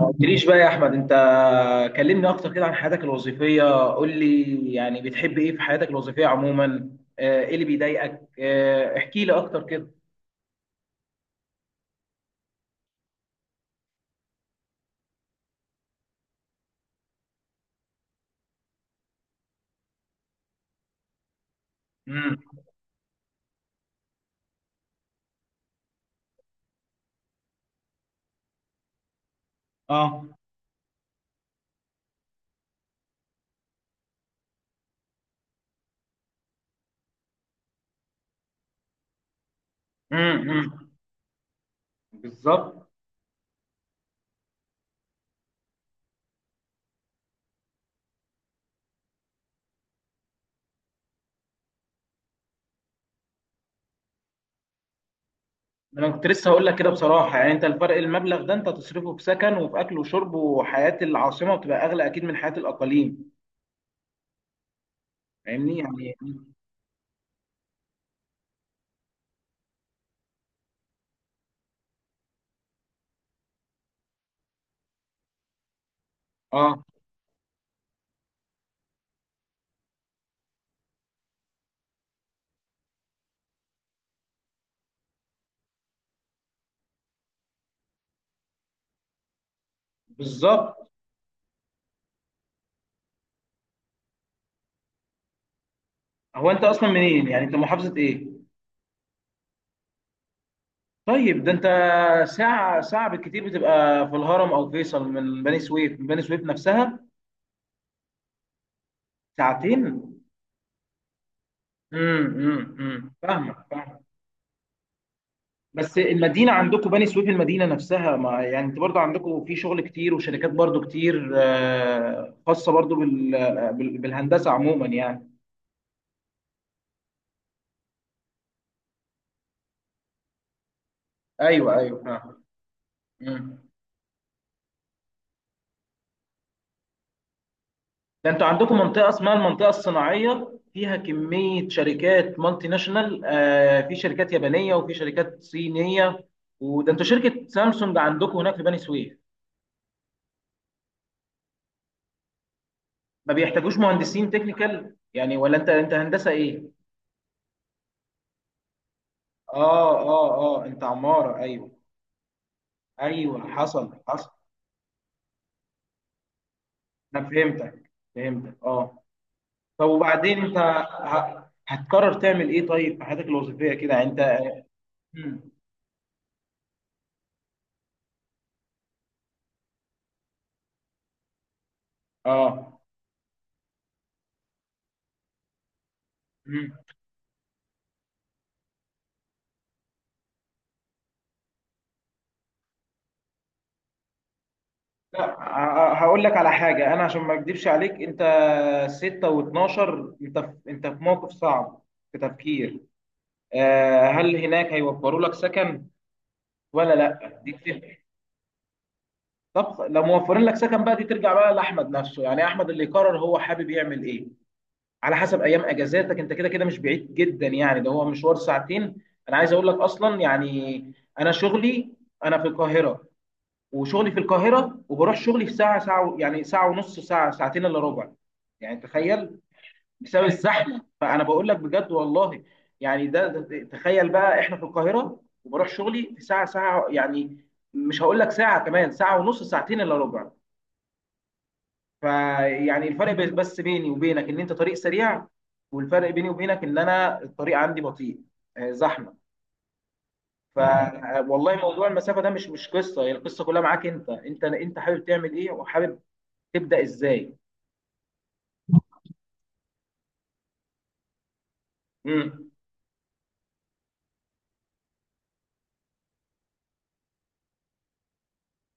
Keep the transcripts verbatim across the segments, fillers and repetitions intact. ما قلتليش بقى يا احمد، انت كلمني اكتر كده عن حياتك الوظيفيه. قول لي يعني بتحب ايه في حياتك الوظيفيه عموما؟ آه، ايه اللي بيضايقك؟ آه، احكي لي اكتر كده. امم اه. امم أمم. بالظبط. انا كنت لسه هقول لك كده بصراحه، يعني انت الفرق، المبلغ ده انت تصرفه في سكن وفي اكل وشرب، وحياه العاصمه بتبقى اغلى اكيد من حياه الاقاليم. فاهمني يعني. اه بالظبط. هو انت اصلا منين؟ يعني انت محافظه ايه؟ طيب ده انت ساعة، ساعة بالكتير بتبقى في الهرم او فيصل، من بني سويف، من بني سويف نفسها. ساعتين؟ امم امم امم فاهمك فاهمك. بس المدينة عندكم بني سويف، المدينة نفسها، ما يعني انت برضو عندكم في شغل كتير وشركات برضو كتير، آه، خاصة برضو بال- آه، بال- بالهندسة عموما يعني. ايوه ايوه فاهم. مم. ده انتوا عندكم منطقة اسمها المنطقة الصناعية، فيها كمية شركات مالتي ناشونال، آه في شركات يابانية وفي شركات صينية، وده انتوا شركة سامسونج عندكم هناك في بني سويف. ما بيحتاجوش مهندسين تكنيكال يعني؟ ولا انت، انت هندسة ايه؟ اه اه اه انت عمارة ايوه. ايوه حصل حصل. انا فهمتك فهمتك اه. طب وبعدين انت ه- هتقرر تعمل ايه طيب في حياتك الوظيفية كده انت؟ مم. اه. مم. لا، ه- هقول لك على حاجة. أنا عشان ما أكدبش عليك، أنت ستة واتناشر، أنت في، أنت في موقف صعب، في تفكير. آه، هل هناك هيوفروا لك سكن ولا لا؟ دي بتفرق. طب لو موفرين لك سكن بقى، دي ترجع بقى لأحمد نفسه، يعني أحمد اللي يقرر هو حابب يعمل إيه على حسب أيام أجازاتك. أنت كده كده مش بعيد جدا، يعني ده هو مشوار ساعتين. أنا عايز أقول لك أصلا يعني، أنا شغلي، أنا في القاهرة، وشغلي في القاهره وبروح شغلي في ساعه، ساعه و- يعني ساعه ونص، ساعه، ساعتين الا ربع، يعني تخيل. بسبب الزحمه، فانا بقول لك بجد والله. يعني ده, ده تخيل بقى، احنا في القاهره وبروح شغلي في ساعه، ساعه يعني. مش هقول لك ساعه، كمان ساعه ونص، ساعتين الا ربع. فيعني الفرق بس بس بيني وبينك ان انت طريق سريع، والفرق بيني وبينك ان انا الطريق عندي بطيء، آه، زحمه. ف والله موضوع المسافه ده مش، مش قصه. هي القصه كلها معاك انت، انت انت حابب تعمل ايه وحابب تبدا ازاي. امم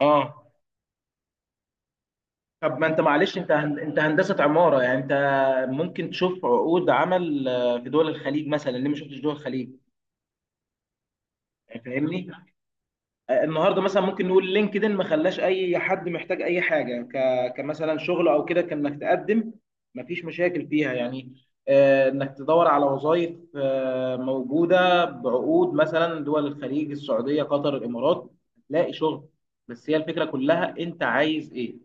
اه. طب ما انت معلش، انت هن... انت هندسه عماره، يعني انت ممكن تشوف عقود عمل آه، في دول الخليج مثلا. ليه ما شفتش دول الخليج؟ يعني فاهمني. آه، النهارده مثلا ممكن نقول لينكدين، ما خلاش اي حد محتاج اي حاجه، ك... كمثلا شغل او كده، كانك تقدم ما فيش مشاكل فيها يعني. آه، انك تدور على وظائف آه، موجوده بعقود، مثلا دول الخليج، السعوديه، قطر، الامارات، هتلاقي شغل. بس هي الفكره كلها، انت عايز ايه؟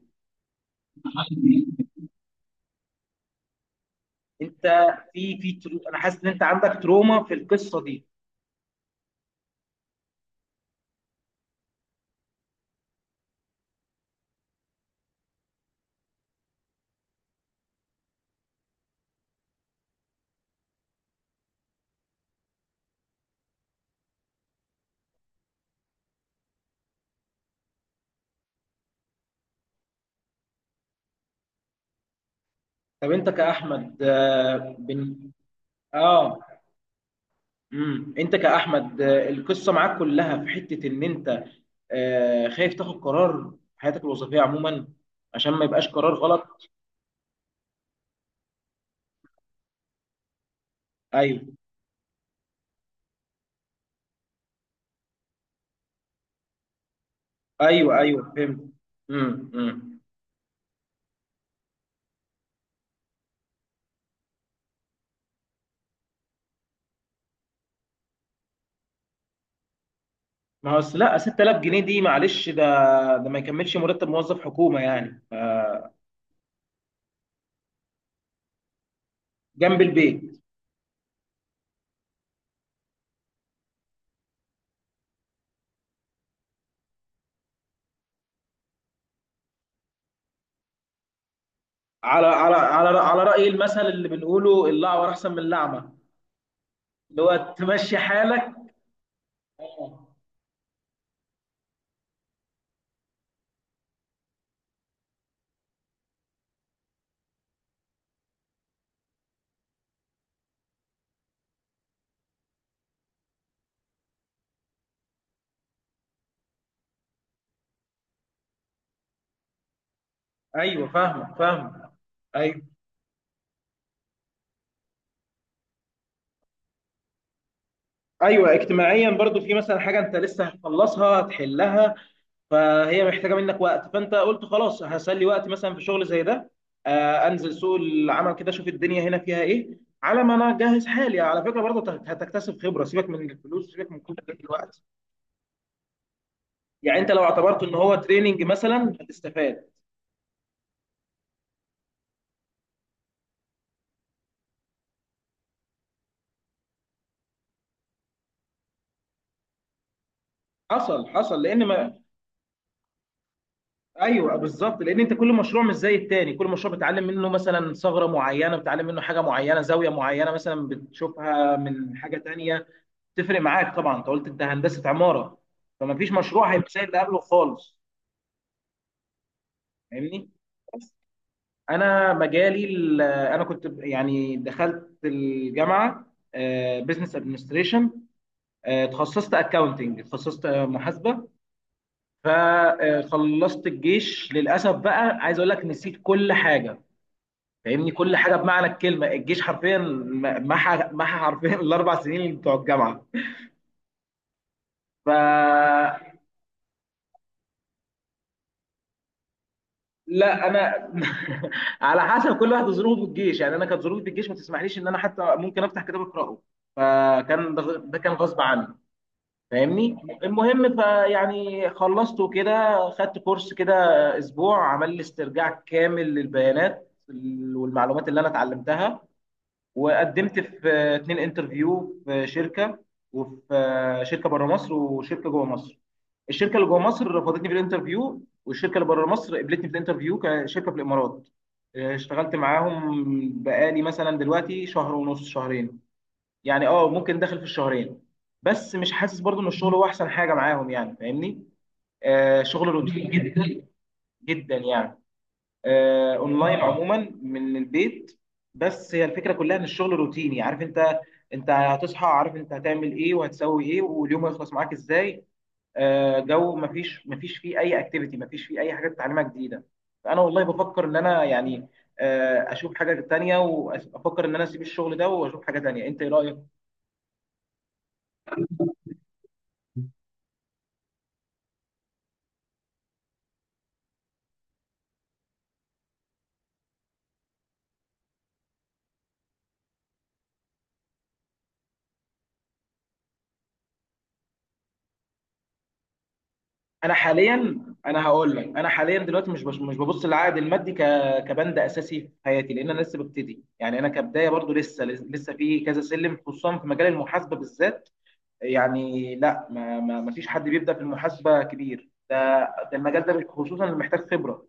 انت في في ترو... انا حاسس ان انت عندك تروما في القصه دي. طب انت كاحمد آه بن... اه، امم انت كاحمد آه، القصه معاك كلها في حته ان انت آه خايف تاخد قرار في حياتك الوظيفيه عموما، عشان ما يبقاش قرار غلط. ايوه. ايوه ايوه فهمت. امم امم ما هو أصل، لا ستة آلاف جنيه دي معلش، ده ده ما يكملش مرتب موظف حكومه يعني، آه، جنب البيت. على على على على رأي المثل اللي بنقوله، الأعور أحسن من الأعمى. اللي هو تمشي حالك. آه. أيوه فاهمك فاهمك. أيوه أيوه، اجتماعيا برضو في مثلا حاجة أنت لسه هتخلصها هتحلها، فهي محتاجة منك وقت، فأنت قلت خلاص هسلي وقت مثلا في شغل زي ده. آه، أنزل سوق العمل كده، أشوف الدنيا هنا فيها إيه، على ما أنا أجهز حالي. على فكرة برضو هت- هتكتسب خبرة. سيبك من الفلوس، سيبك من كل ده دلوقتي. يعني أنت لو اعتبرته إن هو تريننج مثلا هتستفاد. حصل حصل. لأن ما ايوه بالظبط، لان انت كل مشروع مش زي التاني، كل مشروع بتتعلم منه مثلا ثغره معينه، بتتعلم منه حاجه معينه، زاويه معينه مثلا بتشوفها من حاجه تانيه. تفرق معاك طبعا. انت قلت انت هندسه عماره، فما فيش مشروع هيبقى زي اللي قبله خالص. فاهمني. بس انا مجالي ال- انا كنت ب- يعني دخلت الجامعه بزنس ادمنستريشن. تخصصت اكاونتنج، تخصصت آه، محاسبه. فخلصت الجيش، للاسف بقى عايز اقول لك نسيت كل حاجه. فاهمني كل حاجه، بمعنى الكلمه الجيش حرفيا م- محى محى حرفيا الاربع سنين بتوع الجامعه. ف لا انا على حسب كل واحد ظروفه في الجيش. يعني انا كانت ظروفي في الجيش ما تسمحليش ان انا حتى ممكن افتح كتاب اقراه، فكان ده ده كان غصب عني. فاهمني. المهم فيعني خلصت وكده، خدت كورس كده اسبوع، عمل لي استرجاع كامل للبيانات وال- والمعلومات اللي انا اتعلمتها، وقدمت في اتنين انترفيو في شركه، وفي شركه بره مصر وشركه جوه مصر. الشركه اللي جوه مصر رفضتني في الانترفيو، والشركه اللي بره مصر قبلتني في الانترفيو كشركه في الامارات. آه، اشتغلت معاهم بقالي مثلا دلوقتي شهر ونص، شهرين يعني، اه ممكن داخل في الشهرين. بس مش حاسس برضو ان الشغل هو احسن حاجه معاهم يعني، فاهمني. آه، شغل روتيني جدا، جدا يعني. آه، اونلاين عموما من البيت. بس هي الفكره كلها ان الشغل روتيني. عارف انت، انت هتصحى عارف انت هتعمل ايه، وهتسوي ايه، واليوم هيخلص معاك ازاي. آه، جو مفيش، مفيش فيه اي اكتيفيتي، مفيش فيه اي حاجه تتعلمها جديده. فانا والله بفكر ان انا يعني آه، اشوف حاجه تانية، وافكر ان انا اسيب الشغل ده واشوف حاجه تانية. انت ايه رايك؟ انا حاليا، انا هقول لك انا حاليا دلوقتي مش بش... مش ببص للعائد المادي ك... كبند اساسي في حياتي، لان انا لسه ببتدي يعني. انا كبدايه برضو لسه، لسه في كذا سلم، خصوصا في مجال المحاسبه بالذات. يعني لا، ما ما ما فيش حد بيبدا في المحاسبه كبير ده. ده المجال ده خصوصا اللي محتاج خبره،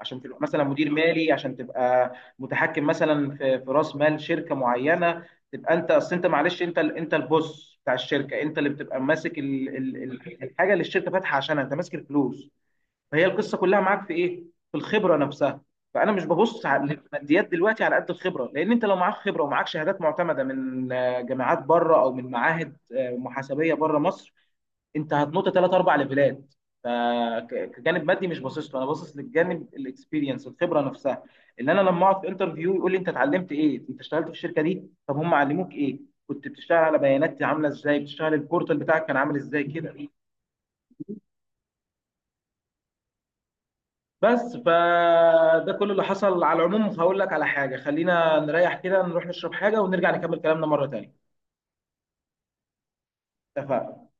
عشان تبقى مثلا مدير مالي، عشان تبقى متحكم مثلا في في راس مال شركه معينه. تبقى انت اصل انت معلش، انت ال- انت البوس بتاع الشركه، انت اللي بتبقى ماسك ال ال ال- الحاجه اللي الشركه فاتحه عشانها، انت ماسك الفلوس. فهي القصه كلها معاك في ايه؟ في الخبره نفسها. فانا مش ببص على الماديات دلوقتي على قد الخبره، لان انت لو معاك خبره ومعاك شهادات معتمده من آه، جامعات بره، او من معاهد آه، محاسبيه بره مصر، انت هتنط ثلاث اربع ليفلات. فكجانب مادي مش باصص له، انا باصص للجانب الاكسبيرينس، الخبره نفسها. ان انا لما اقعد في انترفيو يقول لي انت اتعلمت ايه؟ انت اشتغلت في الشركه دي؟ طب هم علموك ايه؟ كنت بتشتغل على بيانات عامله ازاي؟ بتشتغل البورتال بتاعك كان عامل ازاي كده؟ بس فده كل اللي حصل. على العموم هقول لك على حاجه، خلينا نريح كده، نروح نشرب حاجه ونرجع نكمل كلامنا مره تانيه. اتفقنا.